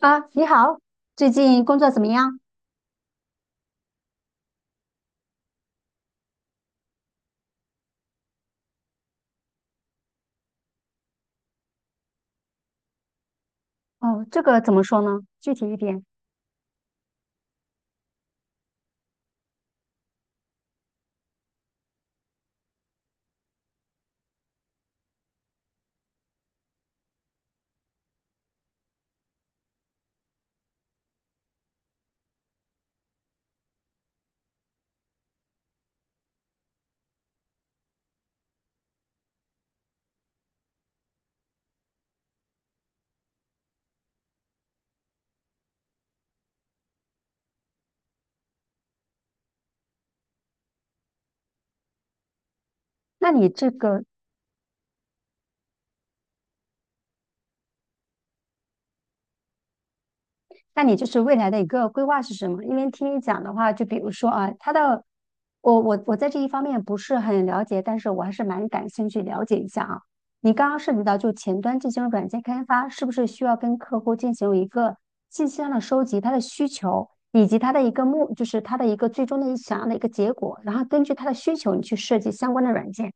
啊，你好，最近工作怎么样？哦，这个怎么说呢？具体一点。那你这个，那你就是未来的一个规划是什么？因为听你讲的话，就比如说啊，他的，我在这一方面不是很了解，但是我还是蛮感兴趣了解一下啊。你刚刚涉及到就前端进行软件开发，是不是需要跟客户进行一个信息上的收集，他的需求以及他的一个目，就是他的一个最终的想要的一个结果，然后根据他的需求，你去设计相关的软件。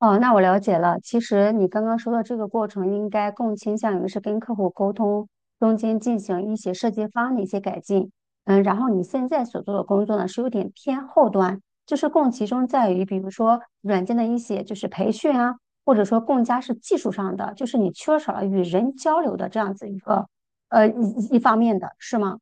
哦，那我了解了。其实你刚刚说的这个过程，应该更倾向于是跟客户沟通中间进行一些设计方案的一些改进。嗯，然后你现在所做的工作呢，是有点偏后端，就是更集中在于，比如说软件的一些就是培训啊，或者说更加是技术上的，就是你缺少了与人交流的这样子一个一方面的，是吗？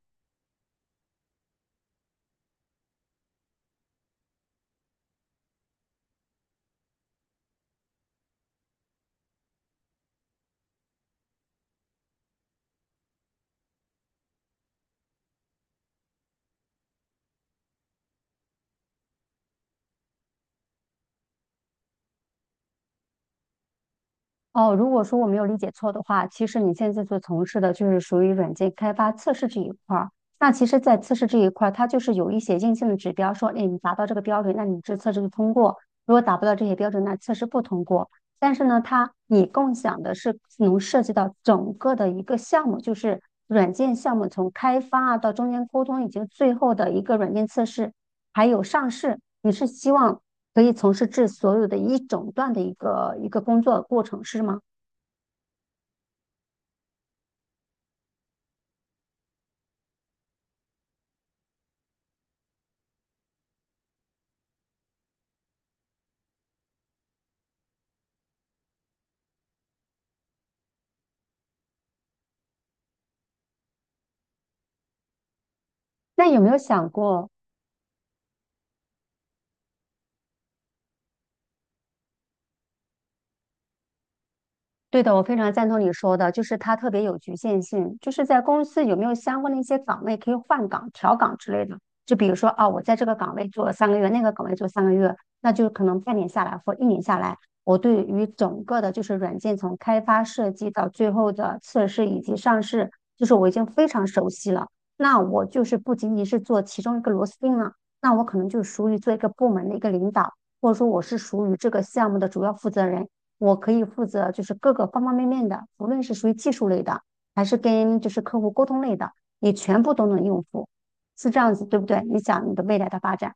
哦，如果说我没有理解错的话，其实你现在所从事的就是属于软件开发测试这一块儿。那其实，在测试这一块儿，它就是有一些硬性的指标，说，哎，你达到这个标准，那你这测试就通过；如果达不到这些标准，那测试不通过。但是呢，它你共享的是能涉及到整个的一个项目，就是软件项目从开发啊到中间沟通，以及最后的一个软件测试，还有上市。你是希望可以从事至所有的一整段的一个工作过程，是吗？那有没有想过，对的，我非常赞同你说的，就是它特别有局限性，就是在公司有没有相关的一些岗位可以换岗、调岗之类的。就比如说啊，我在这个岗位做了三个月，那个岗位做三个月，那就可能半年下来或一年下来，我对于整个的就是软件从开发设计到最后的测试以及上市，就是我已经非常熟悉了。那我就是不仅仅是做其中一个螺丝钉了，那我可能就属于做一个部门的一个领导，或者说我是属于这个项目的主要负责人。我可以负责就是各个方方面面的，无论是属于技术类的，还是跟就是客户沟通类的，你全部都能应付，是这样子，对不对？你想你的未来的发展。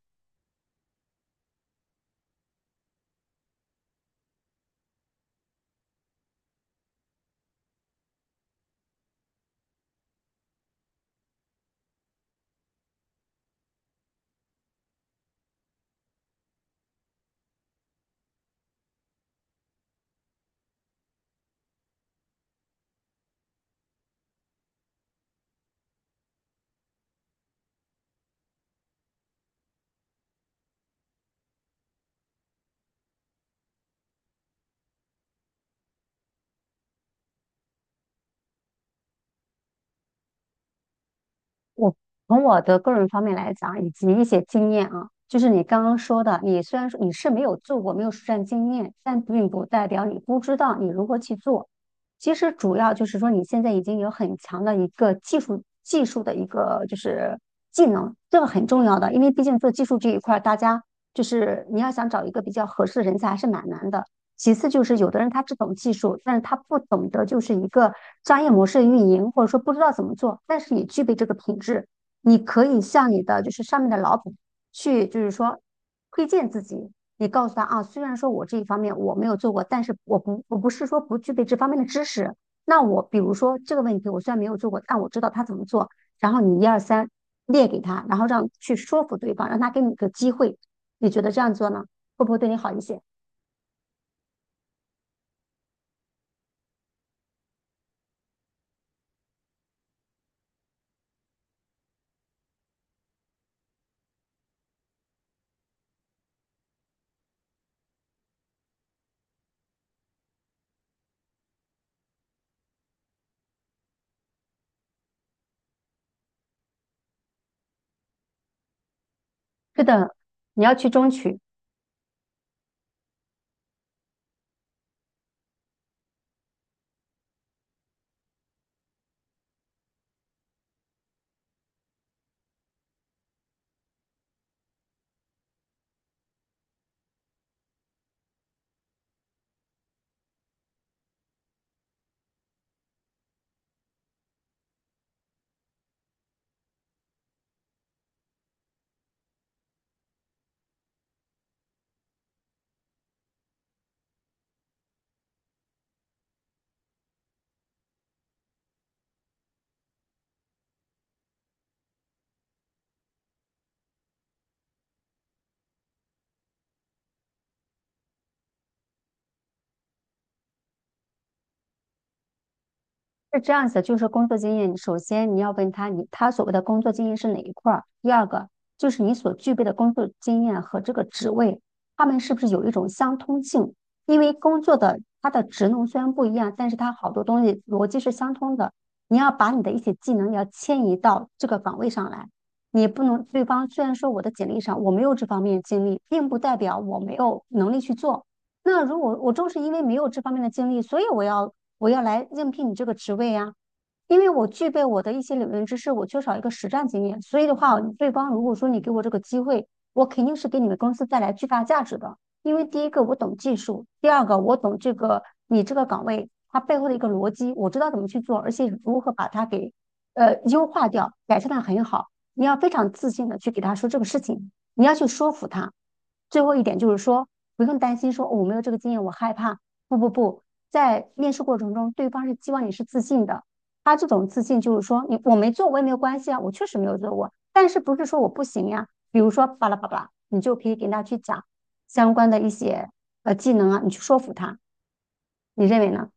我从我的个人方面来讲，以及一些经验啊，就是你刚刚说的，你虽然说你是没有做过，没有实战经验，但并不代表你不知道你如何去做。其实主要就是说，你现在已经有很强的一个技术的一个就是技能，这个很重要的，因为毕竟做技术这一块儿，大家就是你要想找一个比较合适的人才还是蛮难的。其次就是有的人他只懂技术，但是他不懂得就是一个商业模式的运营，或者说不知道怎么做，但是也具备这个品质。你可以向你的就是上面的老板去，就是说推荐自己，你告诉他啊，虽然说我这一方面我没有做过，但是我不是说不具备这方面的知识。那我比如说这个问题，我虽然没有做过，但我知道他怎么做。然后你一二三列给他，然后让去说服对方，让他给你个机会。你觉得这样做呢，会不会对你好一些？是的，你要去争取。是这样子，就是工作经验，首先你要问他，你他所谓的工作经验是哪一块儿？第二个就是你所具备的工作经验和这个职位，他们是不是有一种相通性？因为工作的它的职能虽然不一样，但是它好多东西逻辑是相通的。你要把你的一些技能要迁移到这个岗位上来，你不能对方虽然说我的简历上我没有这方面的经历，并不代表我没有能力去做。那如果我正是因为没有这方面的经历，所以我要来应聘你这个职位啊。因为我具备我的一些理论知识，我缺少一个实战经验，所以的话，对方如果说你给我这个机会，我肯定是给你们公司带来巨大价值的。因为第一个我懂技术，第二个我懂这个你这个岗位它背后的一个逻辑，我知道怎么去做，而且如何把它给优化掉，改善的很好。你要非常自信的去给他说这个事情，你要去说服他。最后一点就是说，不用担心说、哦我没有这个经验，我害怕。不不不，在面试过程中，对方是希望你是自信的。他这种自信就是说，你我没做我也没有关系啊，我确实没有做过，但是不是说我不行呀？比如说巴拉巴拉，你就可以给他去讲相关的一些技能啊，你去说服他，你认为呢？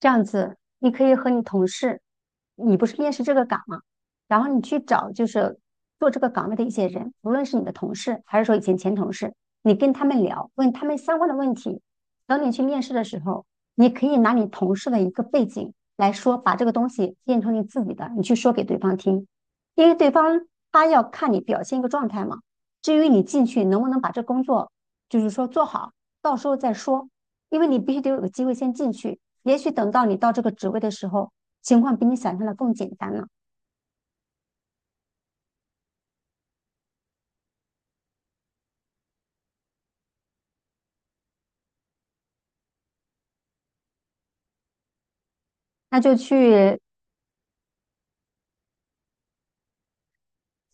这样子，你可以和你同事，你不是面试这个岗嘛，然后你去找就是做这个岗位的一些人，无论是你的同事还是说以前同事，你跟他们聊，问他们相关的问题。等你去面试的时候，你可以拿你同事的一个背景来说，把这个东西变成你自己的，你去说给对方听，因为对方他要看你表现一个状态嘛。至于你进去能不能把这工作，就是说做好，到时候再说，因为你必须得有个机会先进去。也许等到你到这个职位的时候，情况比你想象的更简单了，那就去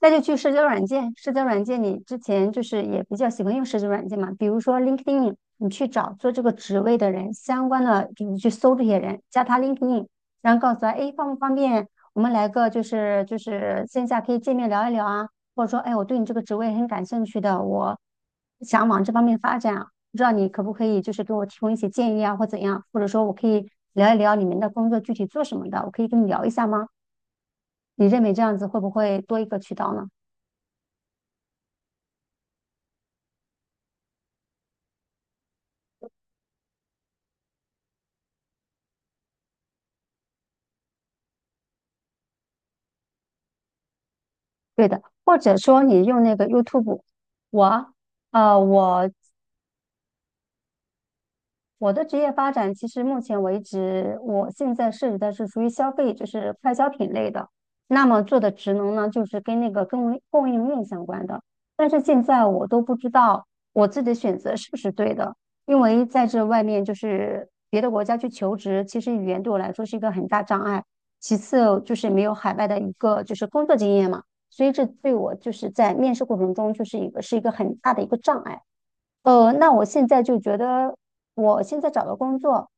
那就去社交软件，社交软件你之前就是也比较喜欢用社交软件嘛，比如说 LinkedIn,你去找做这个职位的人相关的，就是去搜这些人，加他 LinkedIn,然后告诉他，哎，方不方便我们来个就是线下可以见面聊一聊啊，或者说，哎，我对你这个职位很感兴趣的，我想往这方面发展啊，不知道你可不可以就是给我提供一些建议啊，或怎样，或者说我可以聊一聊你们的工作具体做什么的，我可以跟你聊一下吗？你认为这样子会不会多一个渠道呢？对的，或者说你用那个 YouTube,我呃我我的职业发展，其实目前为止，我现在涉及的是属于消费，就是快消品类的。那么做的职能呢，就是跟那个供应链相关的。但是现在我都不知道我自己的选择是不是对的，因为在这外面就是别的国家去求职，其实语言对我来说是一个很大障碍。其次就是没有海外的一个就是工作经验嘛，所以这对我就是在面试过程中就是一个是一个很大的一个障碍。那我现在就觉得，我现在找的工作，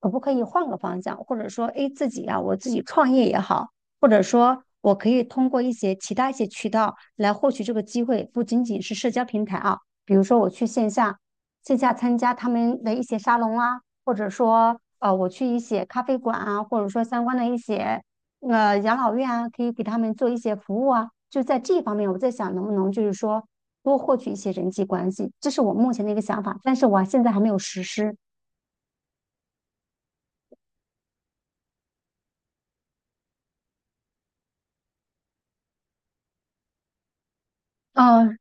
可不可以换个方向，或者说，诶，自己呀、我自己创业也好，或者说，我可以通过一些其他一些渠道来获取这个机会，不仅仅是社交平台啊，比如说我去线下，线下参加他们的一些沙龙啊，或者说，我去一些咖啡馆啊，或者说相关的一些养老院啊，可以给他们做一些服务啊，就在这方面，我在想能不能就是说。多获取一些人际关系，这是我目前的一个想法，但是我现在还没有实施。哦，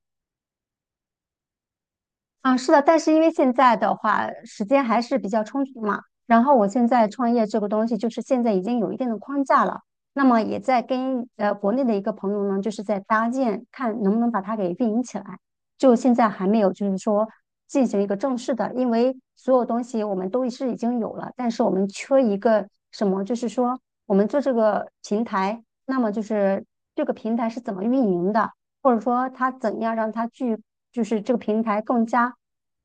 啊，是的，但是因为现在的话，时间还是比较充足嘛。然后我现在创业这个东西，就是现在已经有一定的框架了。那么也在跟国内的一个朋友呢，就是在搭建，看能不能把它给运营起来。就现在还没有，就是说进行一个正式的，因为所有东西我们都是已经有了，但是我们缺一个什么，就是说我们做这个平台，那么就是这个平台是怎么运营的？或者说他怎样让他去，就是这个平台更加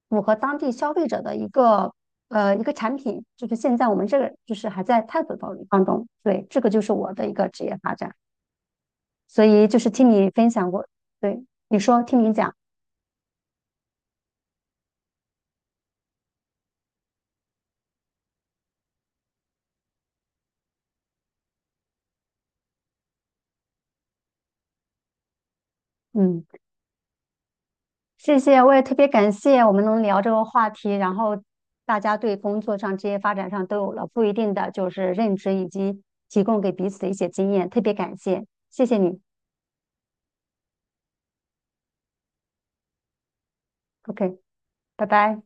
符合当地消费者的一个一个产品，就是现在我们这个就是还在探索当中。对，这个就是我的一个职业发展，所以就是听你分享过，对，你说，听你讲，嗯，谢谢，我也特别感谢我们能聊这个话题，然后大家对工作上、职业发展上都有了不一定的就是认知，以及提供给彼此的一些经验，特别感谢，谢谢你，OK,拜拜。